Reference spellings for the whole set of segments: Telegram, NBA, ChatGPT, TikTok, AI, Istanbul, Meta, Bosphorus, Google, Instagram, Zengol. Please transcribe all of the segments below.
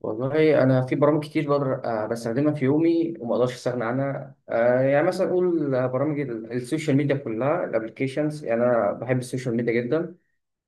والله انا في برامج كتير بقدر، بستخدمها في يومي وما اقدرش استغنى عنها. يعني مثلا اقول، برامج السوشيال ميديا كلها الابلكيشنز، يعني انا بحب السوشيال ميديا جدا.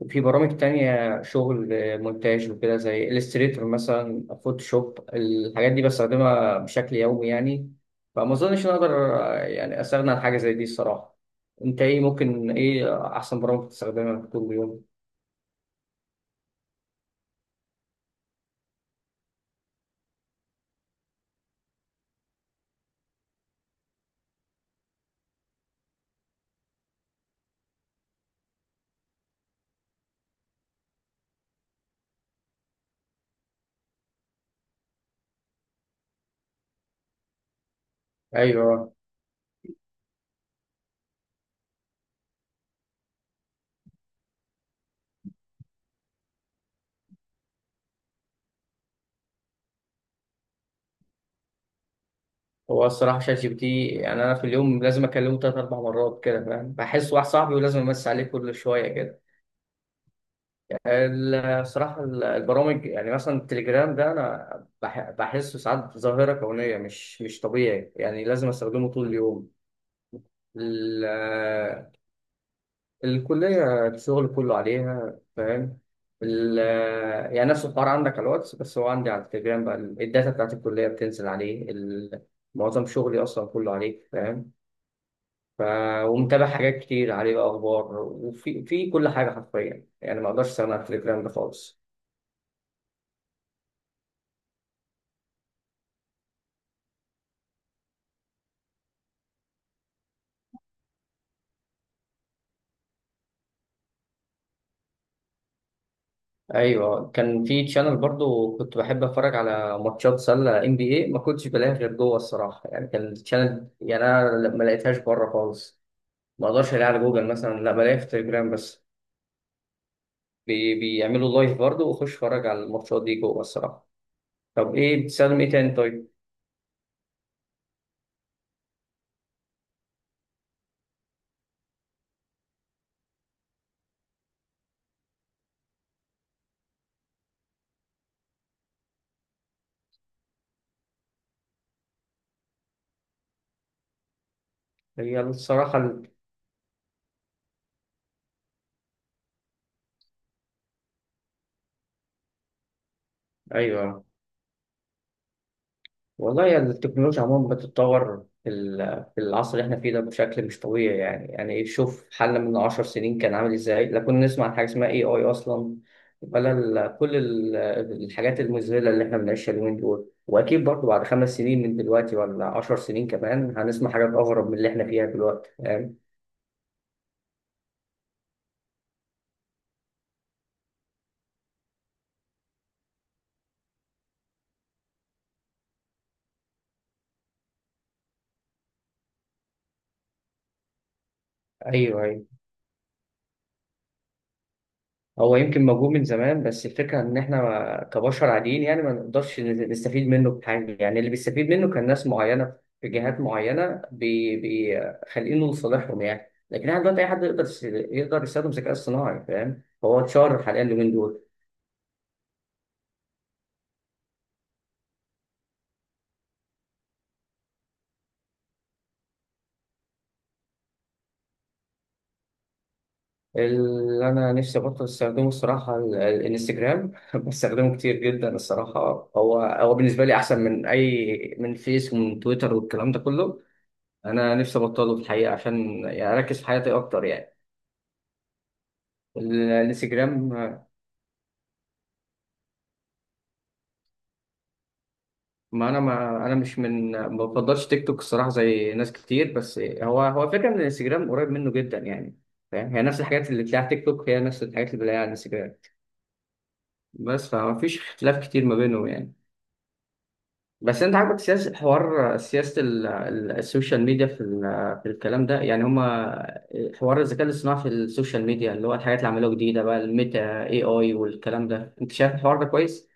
وفي برامج تانية شغل، مونتاج وكده، زي الستريتور مثلا، فوتوشوب، الحاجات دي بستخدمها بشكل يومي يعني. فما اظنش ان أنا اقدر يعني استغنى عن حاجة زي دي الصراحة. انت ايه، ممكن ايه احسن برامج بتستخدمها طول اليوم؟ ايوه. هو الصراحة شات جي بي تي يعني أنا في اليوم لازم أكلمه تلات أربع مرات كده، فاهم، بحس واحد صاحبي ولازم أمسي عليه كل شوية كده. الصراحة البرامج يعني مثلا التليجرام ده أنا بحسه ساعات ظاهرة كونية، مش طبيعي يعني، لازم أستخدمه طول اليوم. ال- الكلية الشغل كله عليها، فاهم. ال- يعني نفس الحوار عندك على الواتس، بس هو عندي على التليجرام، بقى الداتا بتاعت الكلية بتنزل عليه. معظم شغلي أصلا كله عليه، فاهم. ف... ومتابع حاجات كتير عليه، بقى اخبار وفي كل حاجه حرفيا يعني، ما اقدرش استغنى عن التليجرام ده خالص. ايوه، كان في تشانل برضو كنت بحب اتفرج على ماتشات سله ام بي اي، ما كنتش بلاقيها غير جوه الصراحه يعني، كان التشانل يعني انا ما لقيتهاش بره خالص. ما اقدرش الاقيها على جوجل مثلا، لا بلاقيها في التليجرام بس. بيعملوا لايف برضو، واخش اتفرج على الماتشات دي جوه الصراحه. طب ايه، بتستخدم ايه تاني؟ طيب. هي الصراحه ايوه. والله يعني التكنولوجيا عموما بتتطور في في العصر اللي احنا فيه ده بشكل مش طبيعي يعني إيه، شوف حل من 10 سنين كان عامل ازاي، لا كنا نسمع عن حاجة اسمها اي اي اصلا، ولا كل الحاجات المذهلة اللي احنا بنعيشها اليومين دول. واكيد برضه بعد 5 سنين من دلوقتي ولا 10 سنين كمان هنسمع حاجات اغرب من اللي احنا فيها دلوقتي، فاهم. ايوه ايوه. هو يمكن موجود من زمان بس الفكرة إن إحنا كبشر عاديين يعني ما نقدرش نستفيد منه بحاجة، يعني اللي بيستفيد منه كان ناس معينة في جهات معينة بيخلقينه لصالحهم يعني، لكن إحنا دلوقتي أي حد يقدر يقدر يستخدم الذكاء الصناعي، فاهم، هو اتشهر حاليا اليومين دول. اللي أنا نفسي أبطل أستخدمه الصراحة الانستجرام بستخدمه كتير جدا الصراحة. هو بالنسبة لي أحسن من أي من فيس ومن تويتر والكلام ده كله. أنا نفسي أبطله في الحقيقة عشان يعني أركز في حياتي أكتر يعني الانستجرام. ما انا مش من، ما بفضلش تيك توك الصراحه زي ناس كتير، بس هو فكره ان الانستجرام قريب منه جدا يعني، فاهم، هي نفس الحاجات اللي بتلاقيها على تيك توك، هي نفس الحاجات اللي بتلاقيها على الانستجرام. بس فما فيش اختلاف كتير ما بينهم يعني. بس انت عاجبك سياسه حوار سياسه السوشيال ميديا في في الكلام ده يعني، هما حوار الذكاء الاصطناعي في السوشيال ميديا اللي هو الحاجات اللي عملوها جديده بقى الميتا اي اي والكلام ده، انت شايف الحوار ده كويس؟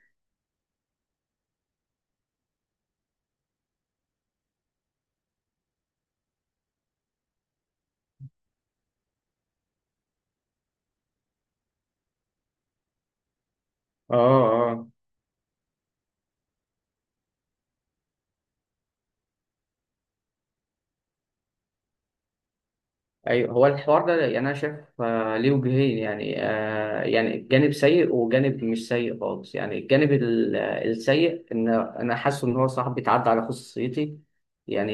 اه. اه. ايوه. هو الحوار ده يعني انا شايف ليه وجهين يعني، يعني جانب سيء وجانب مش سيء خالص يعني، الجانب السيء ان انا حاسه ان هو صاحب بيتعدى على خصوصيتي، يعني,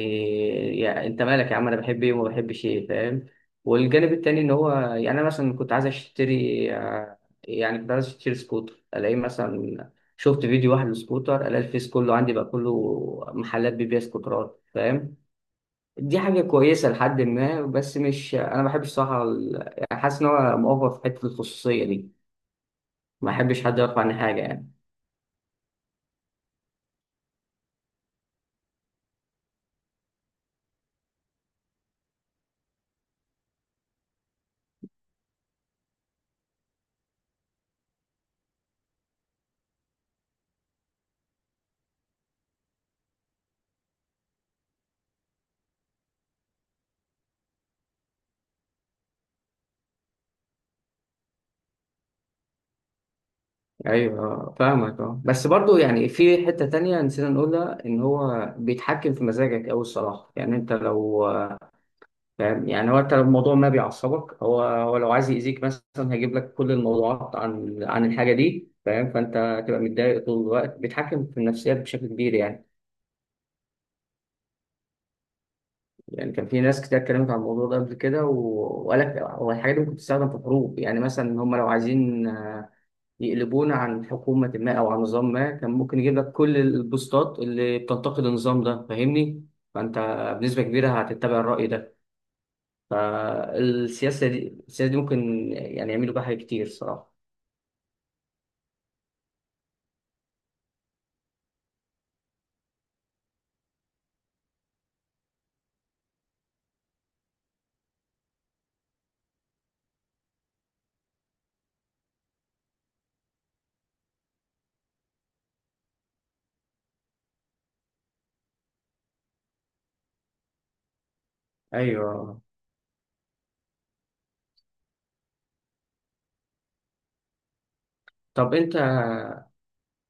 يعني انت مالك يا عم، انا بحب ايه وما بحبش ايه فاهم. والجانب التاني ان هو يعني انا مثلا كنت عايز اشتري آه، يعني كنت عايز اشتري سكوتر الاقي مثلا، شفت فيديو واحد لسكوتر الاقي الفيس كله عندي بقى، كله محلات بيبيع سكوترات فاهم. دي حاجة كويسة لحد ما، بس مش، أنا ما بحبش صراحة يعني حاسس إن هو مؤفر في حتة الخصوصية دي، ما بحبش حد يعرف عني حاجة يعني. أيوه. فاهمك أه، بس برضو يعني في حتة تانية نسينا نقولها إن هو بيتحكم في مزاجك أوي الصراحة، يعني أنت لو فاهم، يعني هو أنت لو الموضوع ما بيعصبك، هو لو عايز يأذيك مثلا هيجيب لك كل الموضوعات عن الحاجة دي فاهم، فأنت هتبقى متضايق طول الوقت، بيتحكم في النفسيات بشكل كبير يعني. يعني كان في ناس كتير اتكلمت عن الموضوع ده قبل كده وقالك هو الحاجات دي ممكن تستخدم في حروب يعني، مثلا هم لو عايزين يقلبونا عن حكومة ما أو عن نظام ما، كان ممكن يجيب لك كل البوستات اللي بتنتقد النظام ده فاهمني؟ فأنت بنسبة كبيرة هتتبع الرأي ده، فالسياسة دي ممكن يعني يعملوا بها حاجات كتير صراحة. أيوه. طب أنت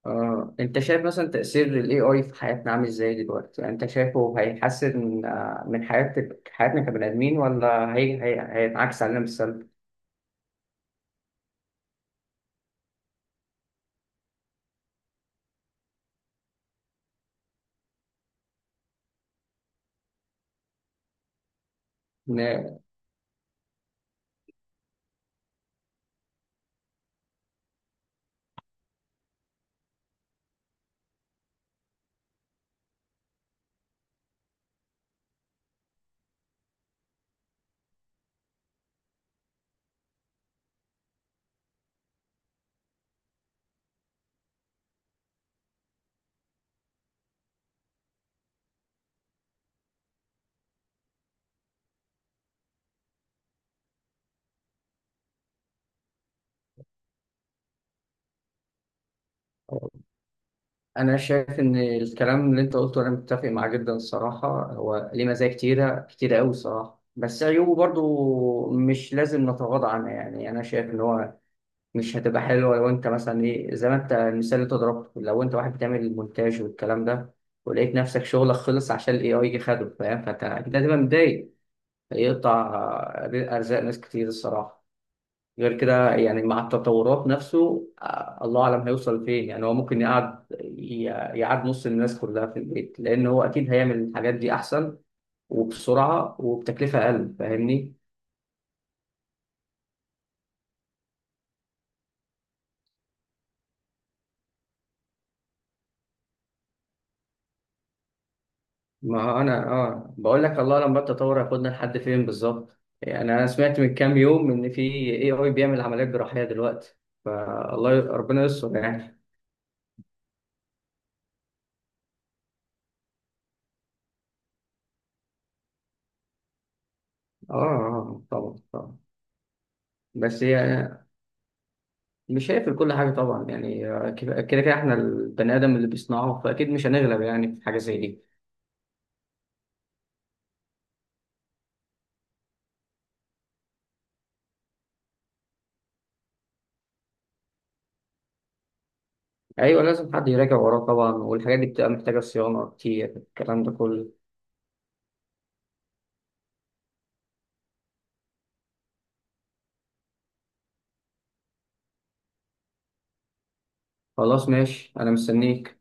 آه، انت شايف مثلا تأثير ال AI في حياتنا عامل ازاي دلوقتي؟ يعني انت شايفه هيحسن من حياتنا كبني آدمين، ولا هينعكس علينا بالسلب؟ إن- انا شايف ان الكلام اللي انت قلته انا متفق معاه جدا الصراحة، هو ليه مزايا كتيرة كتيرة قوي الصراحة، بس عيوبه برضو مش لازم نتغاضى عنها يعني. انا شايف ان هو مش هتبقى حلوة لو انت مثلا ايه، زي ما انت المثال اللي انت ضربته، لو انت واحد بتعمل المونتاج والكلام ده ولقيت نفسك شغلك خلص عشان الاي اي يجي خده فاهم، فانت اكيد هتبقى متضايق. هيقطع ارزاق ناس كتير الصراحة، غير كده يعني، مع التطورات نفسه الله اعلم هيوصل فين يعني. هو ممكن يقعد يقعد نص الناس كلها في البيت، لان هو اكيد هيعمل الحاجات دي احسن وبسرعة وبتكلفة اقل فاهمني. ما انا اه بقول لك الله لما التطور هياخدنا لحد فين بالظبط يعني، انا سمعت من كام يوم ان في اي اي بيعمل عمليات جراحيه دلوقتي، فالله ربنا يستر يعني. اه. طبعا طبعا، بس هي مش هيقفل كل حاجه طبعا يعني، كده كده احنا البني ادم اللي بيصنعه، فاكيد مش هنغلب يعني في حاجه زي دي. ايوه، لازم حد يراجع وراه طبعا، والحاجات دي بتبقى محتاجه صيانه كتير الكلام ده كله. خلاص ماشي، انا مستنيك.